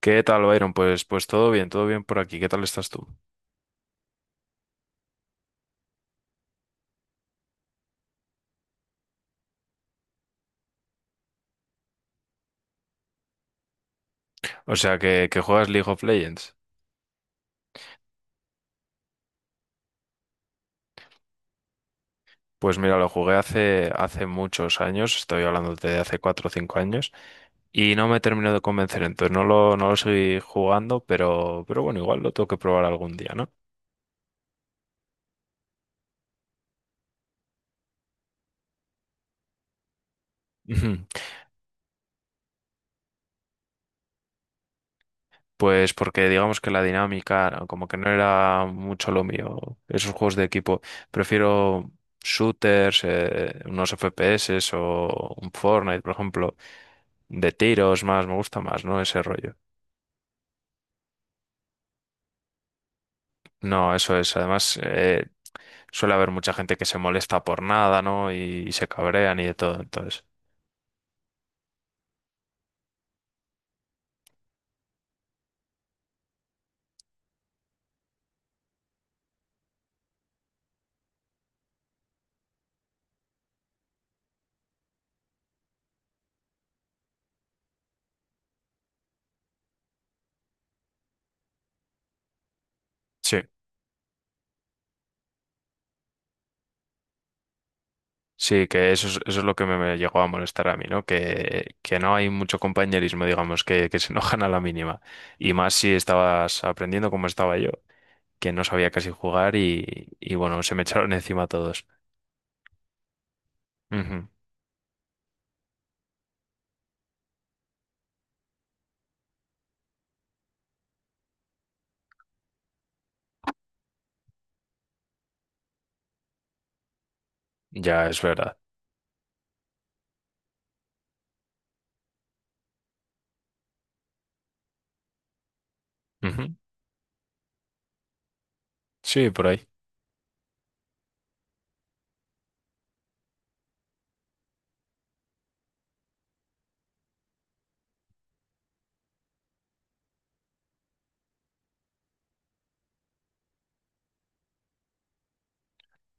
¿Qué tal, Byron? Pues todo bien por aquí. ¿Qué tal estás tú? O sea, que juegas League of Legends. Pues mira, lo jugué hace muchos años, estoy hablando de hace 4 o 5 años, y no me terminó de convencer, entonces no lo seguí jugando, pero bueno, igual lo tengo que probar algún día, ¿no? Pues porque digamos que la dinámica, ¿no?, como que no era mucho lo mío, esos juegos de equipo. Prefiero shooters, unos FPS o un Fortnite, por ejemplo, de tiros más, me gusta más, ¿no? Ese rollo. No, eso es. Además, suele haber mucha gente que se molesta por nada, ¿no? Y se cabrean y de todo, entonces. Sí. Sí, que eso es lo que me llegó a molestar a mí, ¿no? Que no hay mucho compañerismo, digamos, que se enojan a la mínima. Y más si estabas aprendiendo como estaba yo, que no sabía casi jugar y bueno, se me echaron encima todos. Ujú. Ya es verdad. Ujú. Sí, por ahí.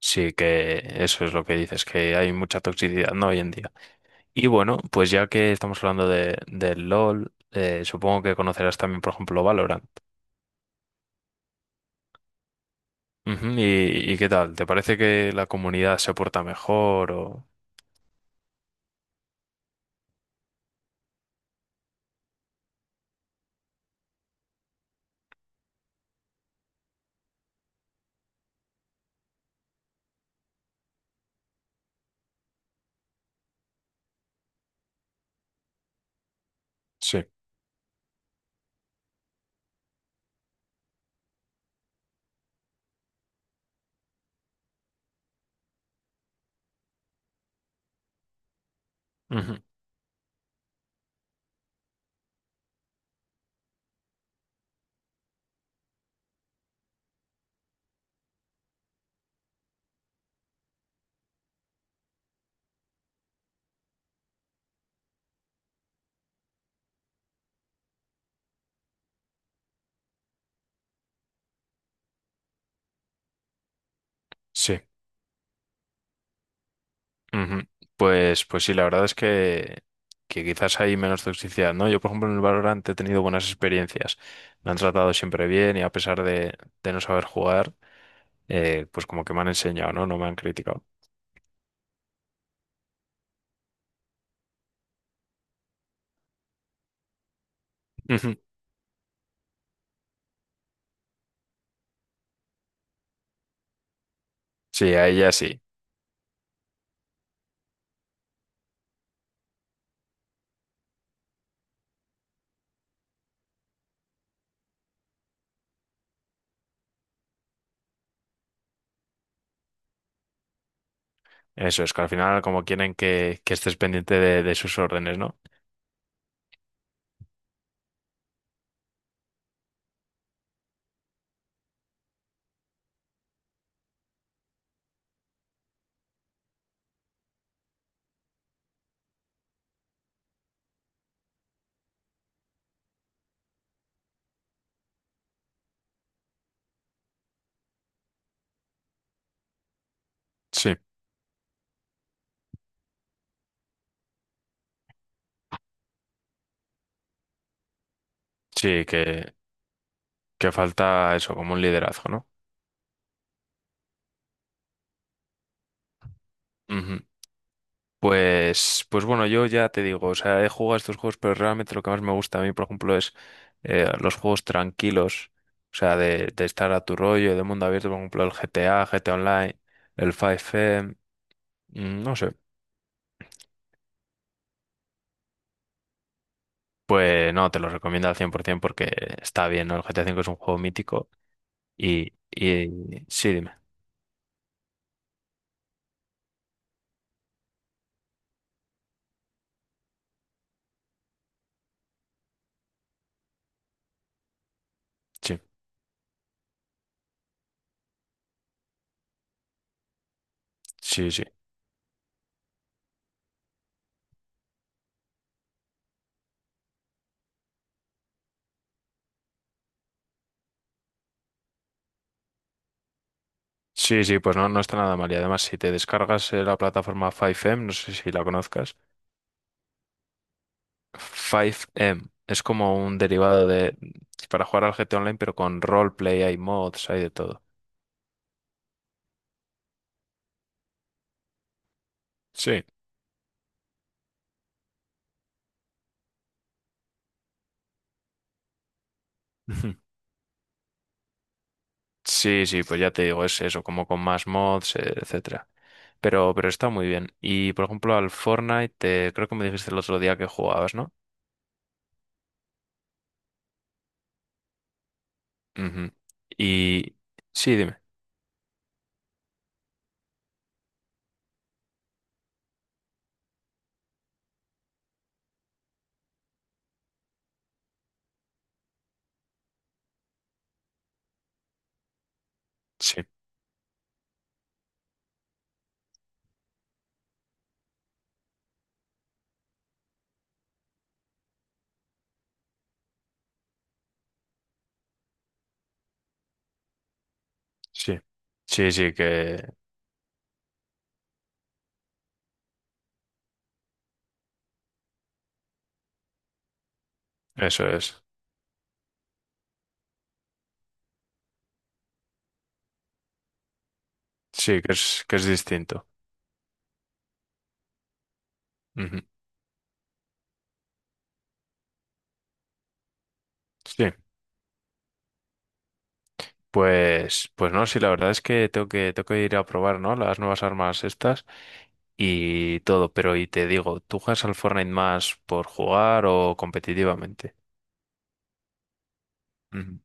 Sí, que eso es lo que dices, que hay mucha toxicidad, ¿no? Hoy en día. Y bueno, pues ya que estamos hablando del LOL, supongo que conocerás también, por ejemplo, Valorant. Ujú. ¿Y qué tal? ¿Te parece que la comunidad se porta mejor o...? Sí. Ujú. Sí. Ujú. Pues sí, la verdad es que quizás hay menos toxicidad, ¿no? Yo, por ejemplo, en el Valorant he tenido buenas experiencias. Me han tratado siempre bien y a pesar de no saber jugar, pues como que me han enseñado, ¿no? No me han criticado. Ujú. Sí, a ella sí. Eso es, que al final como quieren que estés pendiente de sus órdenes, ¿no? Sí. Sí, que falta eso, como un liderazgo, ¿no? Ujú. Pues bueno, yo ya te digo, o sea, he jugado a estos juegos, pero realmente lo que más me gusta a mí, por ejemplo, es los juegos tranquilos, o sea, de estar a tu rollo, de mundo abierto, por ejemplo, el GTA, GTA Online, el 5M, no sé. Pues no, te lo recomiendo al 100% porque está bien, ¿no? El GTA V es un juego mítico y sí, dime, sí, sí, sí. Sí, sí, pues no está nada mal. Y además, si te descargas la plataforma 5M, no sé si la conozcas. 5M. Es como un derivado de, para jugar al GT Online, pero con roleplay, hay mods, hay de todo. Sí. Ujú. Sí, sí, pues ya te digo, es eso, como con más mods, etcétera. Pero está muy bien. Y por ejemplo, al Fortnite, creo que me dijiste el otro día que jugabas, ¿no? Ujú. Y sí, dime. Sí, sí, sí, sí, que eso es. Sí, que es distinto. Ujú. Sí. Pues no, sí, la verdad es que tengo que ir a probar, ¿no? Las nuevas armas estas y todo, pero y te digo, ¿tú juegas al Fortnite más por jugar o competitivamente? Ujú.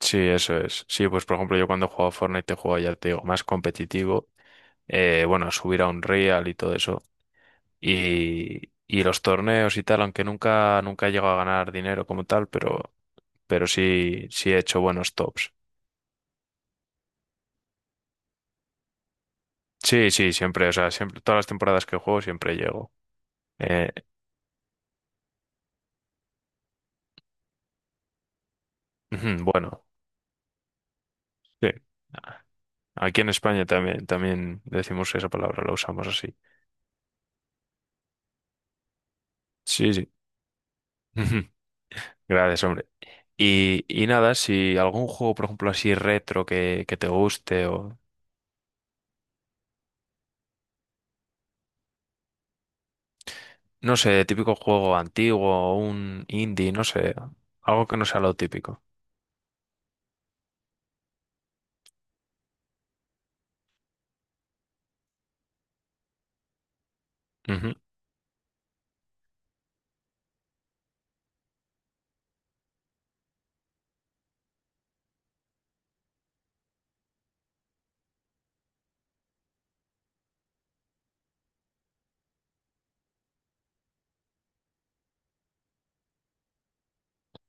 Sí, eso es. Sí, pues por ejemplo, yo cuando juego a Fortnite te juego, ya te digo, más competitivo. Bueno, a subir a un real y todo eso. Y los torneos y tal, aunque nunca he llegado a ganar dinero como tal, pero sí, sí he hecho buenos tops. Sí, sí, siempre, o sea, siempre, todas las temporadas que juego siempre llego. Eh, Ujú. Bueno, sí. Ah, aquí en España también, también decimos esa palabra, la usamos así. Sí, sí. Ujú. Gracias, hombre. Y nada, si algún juego, por ejemplo, así retro que te guste o, no sé, típico juego antiguo o un indie, no sé, algo que no sea lo típico. Ujú.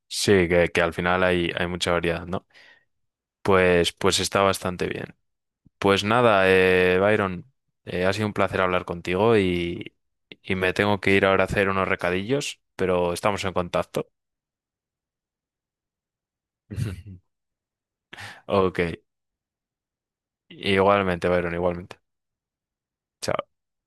Sí, que al final hay mucha variedad, ¿no? Pues está bastante bien. Pues nada, Byron, ha sido un placer hablar contigo y me tengo que ir ahora a hacer unos recadillos, pero estamos en contacto. Ok, igualmente, Byron, igualmente. Chao.